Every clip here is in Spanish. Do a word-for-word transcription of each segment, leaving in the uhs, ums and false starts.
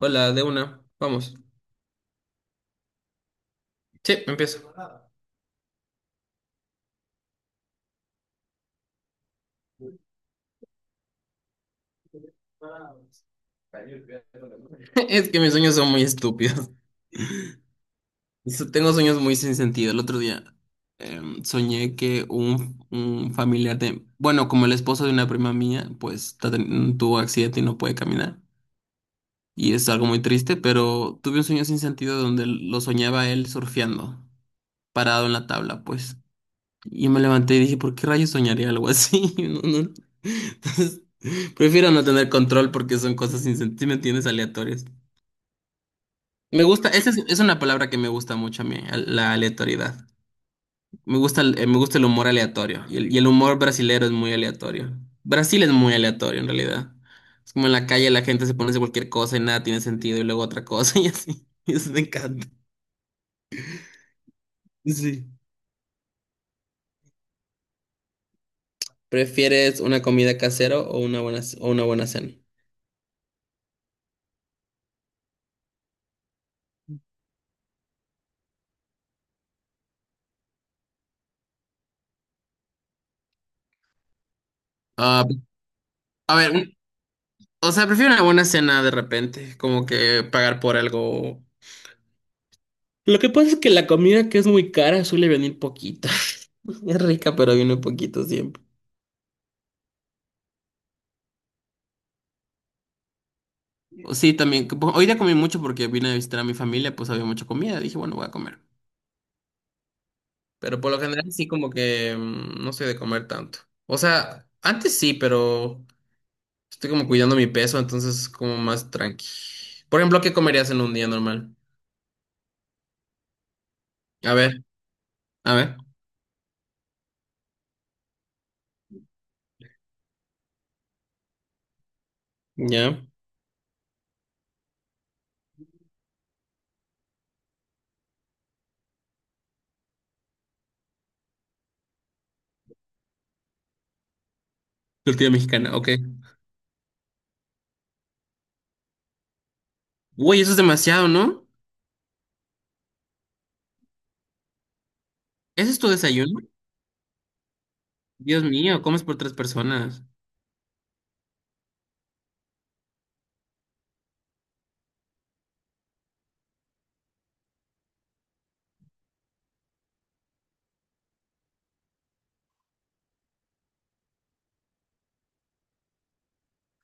Hola, de una. Vamos. Sí, empiezo. Es que mis sueños son muy estúpidos. Su- Tengo sueños muy sin sentido. El otro día em, soñé que un, un familiar de, bueno, como el esposo de una prima mía, pues está ten- tuvo accidente y no puede caminar. Y es algo muy triste, pero tuve un sueño sin sentido donde lo soñaba él surfeando, parado en la tabla, pues. Y me levanté y dije, ¿por qué rayos soñaría algo así? No, no. Entonces, prefiero no tener control porque son cosas sin sentido, ¿me entiendes? Aleatorias. Me gusta, esa es, es una palabra que me gusta mucho a mí, al- la aleatoriedad. Me gusta el, eh, me gusta el humor aleatorio y el, y el humor brasilero es muy aleatorio. Brasil es muy aleatorio en realidad. Es como en la calle la gente se pone a hacer cualquier cosa y nada tiene sentido y luego otra cosa y así. Eso me encanta. Sí. ¿Prefieres una comida casera o una buena, c- o una buena cena? Ah, a ver, un- o sea, prefiero una buena cena de repente, como que pagar por algo. Lo que pasa es que la comida que es muy cara suele venir poquito. Es rica, pero viene poquito siempre. Sí, también. como- Hoy día comí mucho porque vine a visitar a mi familia, pues había mucha comida. Dije, bueno, voy a comer. Pero por lo general sí como que mm, no soy de comer tanto. O sea, antes sí, pero estoy como cuidando mi peso, entonces como más tranqui. Por ejemplo, ¿qué comerías en un día normal? A ver, a ver. ¿Ya? Tortilla mexicana, ok. Uy, eso es demasiado, ¿no? ¿Ese es tu desayuno? Dios mío, comes por tres personas.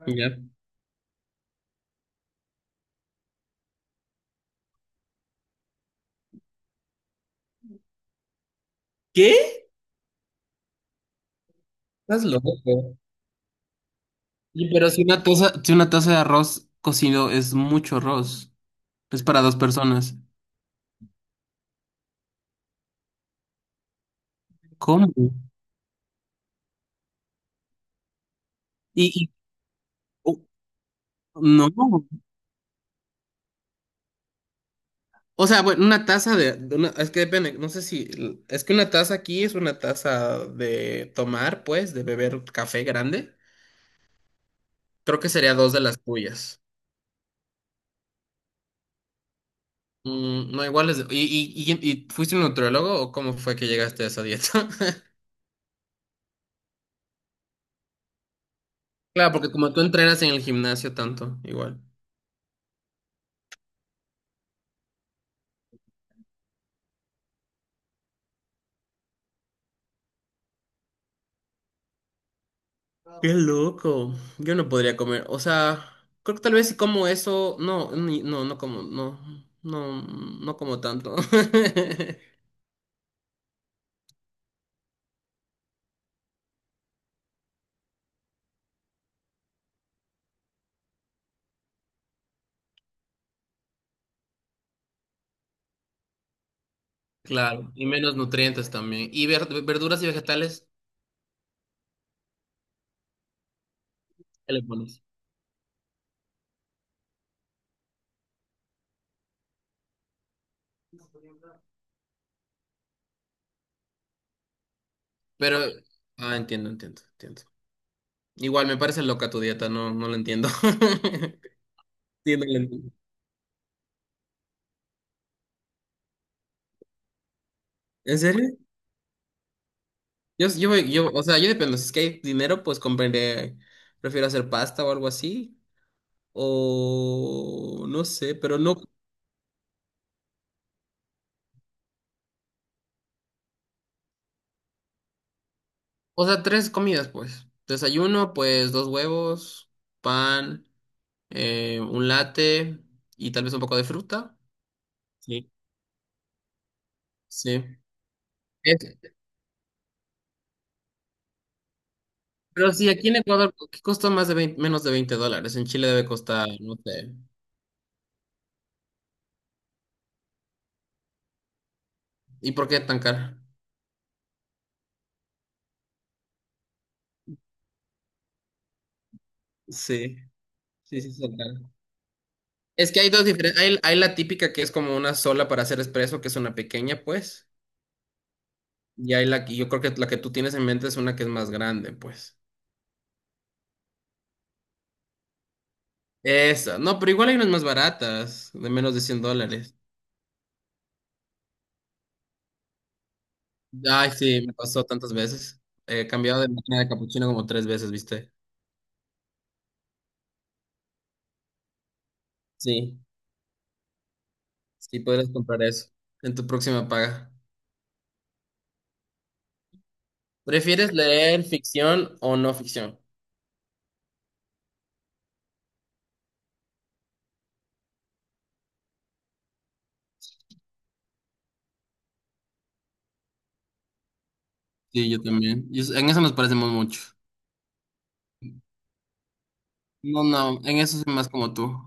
¿Ya? ¿Qué? Estás loco. Y Pero si una taza, si una taza de arroz cocido es mucho arroz, es para dos personas. ¿Cómo? Y, y- oh, no. O sea, bueno, una taza de, de una- es que depende, no sé si, es que una taza aquí es una taza de tomar, pues, de beber café grande. Creo que sería dos de las tuyas. Mm, no, igual es, y, y, y- y fuiste un nutriólogo o cómo fue que llegaste a esa dieta? Claro, porque como tú entrenas en el gimnasio tanto, igual. Qué loco. Yo no podría comer. O sea, creo que tal vez si como eso. No, ni- no, no como, no. No, no como tanto. Claro, y menos nutrientes también. Y ver- verduras y vegetales, ¿qué le pones? Pero, ah, entiendo, entiendo, entiendo. Igual me parece loca tu dieta, no, no la entiendo. Sí, no la entiendo. ¿En serio? Yo, yo, yo, o sea, yo dependo. Si es que hay dinero, pues compraré. Prefiero hacer pasta o algo así. O no sé, pero no. O sea, tres comidas, pues. Desayuno, pues dos huevos, pan, eh, un latte y tal vez un poco de fruta. Sí. Sí. Es- pero sí, aquí en Ecuador, ¿qué costó? Más de veinte, menos de veinte dólares. En Chile debe costar, no sé. ¿Y por qué tan caro? Sí, sí, sí, sí. Claro. Es que hay dos diferentes. Hay, hay la típica que es como una sola para hacer espresso, que es una pequeña, pues. Y hay la que yo creo que la que tú tienes en mente es una que es más grande, pues. Esa. No, pero igual hay unas más baratas, de menos de cien dólares. Ay, sí, me pasó tantas veces. He cambiado de máquina de capuchino como tres veces, ¿viste? Sí, sí, podrías comprar eso en tu próxima paga. ¿Prefieres leer ficción o no ficción? Sí, yo también. Y en eso nos parecemos mucho. No, no, en eso soy más como tú.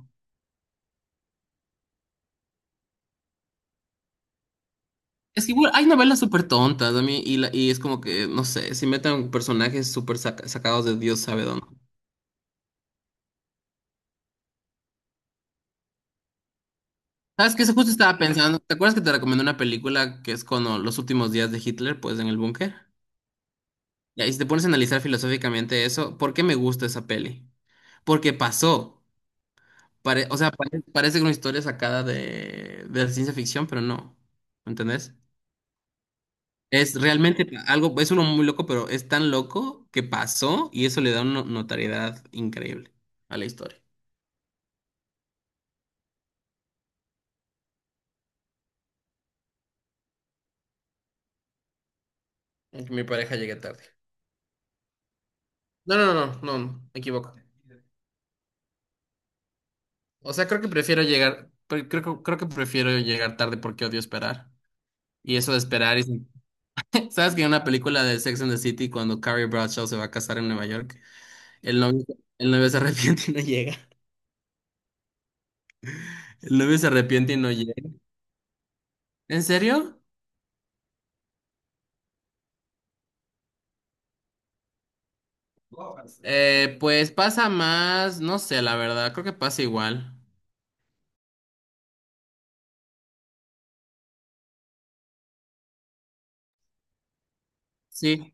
Es que igual hay novelas súper tontas a mí y, la- y es como que, no sé, si meten personajes súper saca- sacados de Dios sabe dónde. ¿Sabes qué? Eso, justo estaba pensando. ¿Te acuerdas que te recomendé una película que es con o, los últimos días de Hitler, pues en el búnker? Ya. Y si te pones a analizar filosóficamente eso, ¿por qué me gusta esa peli? Porque pasó. Pare- o sea, pare- parece una historia sacada de, de la ciencia ficción, pero no. ¿Me entendés? Es realmente algo, es uno muy loco, pero es tan loco que pasó y eso le da una notariedad increíble a la historia. Es que mi pareja llegué tarde. No, no, no, no, no, me equivoco. O sea, creo que prefiero llegar, pre- creo, que- creo que prefiero llegar tarde porque odio esperar. Y eso de esperar es. ¿Sabes que en una película de Sex and the City, cuando Carrie Bradshaw se va a casar en Nueva York, el novio, el novio se arrepiente y no llega? El novio se arrepiente y no llega. ¿En serio? Eh, pues pasa más, no sé, la verdad, creo que pasa igual. Sí,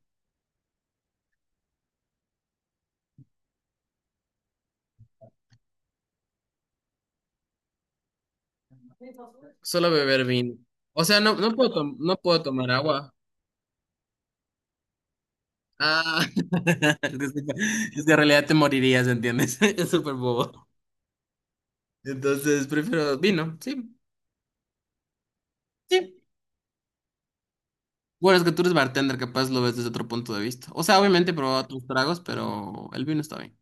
solo beber vino. O sea, no, no puedo, tom- no puedo tomar agua. Ah, es que, sí, es que en realidad te morirías, ¿entiendes? Es súper bobo. Entonces prefiero vino, sí, sí. Bueno, es que tú eres bartender, capaz lo ves desde otro punto de vista. O sea, obviamente he probado otros tragos, pero el vino está bien.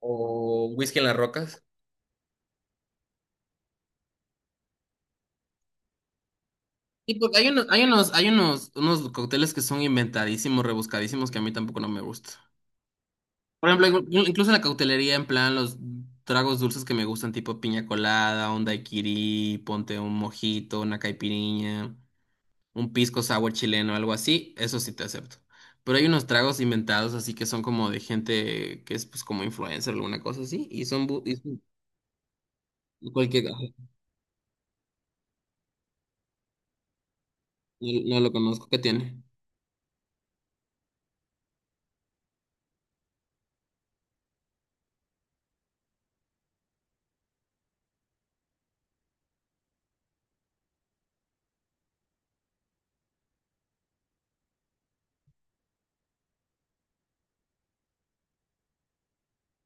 ¿O whisky en las rocas? Y porque hay unos, hay unos, hay unos, unos cócteles que son inventadísimos, rebuscadísimos, que a mí tampoco no me gusta. Por ejemplo, inclu- incluso en la cautelería, en plan, los tragos dulces que me gustan, tipo piña colada, un daiquiri, ponte un mojito, una caipirinha. Un pisco sour chileno, algo así, eso sí te acepto. Pero hay unos tragos inventados, así que son como de gente que es pues como influencer o alguna cosa así, y son, bu- y son- y cualquier, ajá, no, no lo conozco, ¿qué tiene?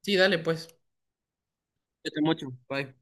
Sí, dale, pues. Cuídate mucho, bye.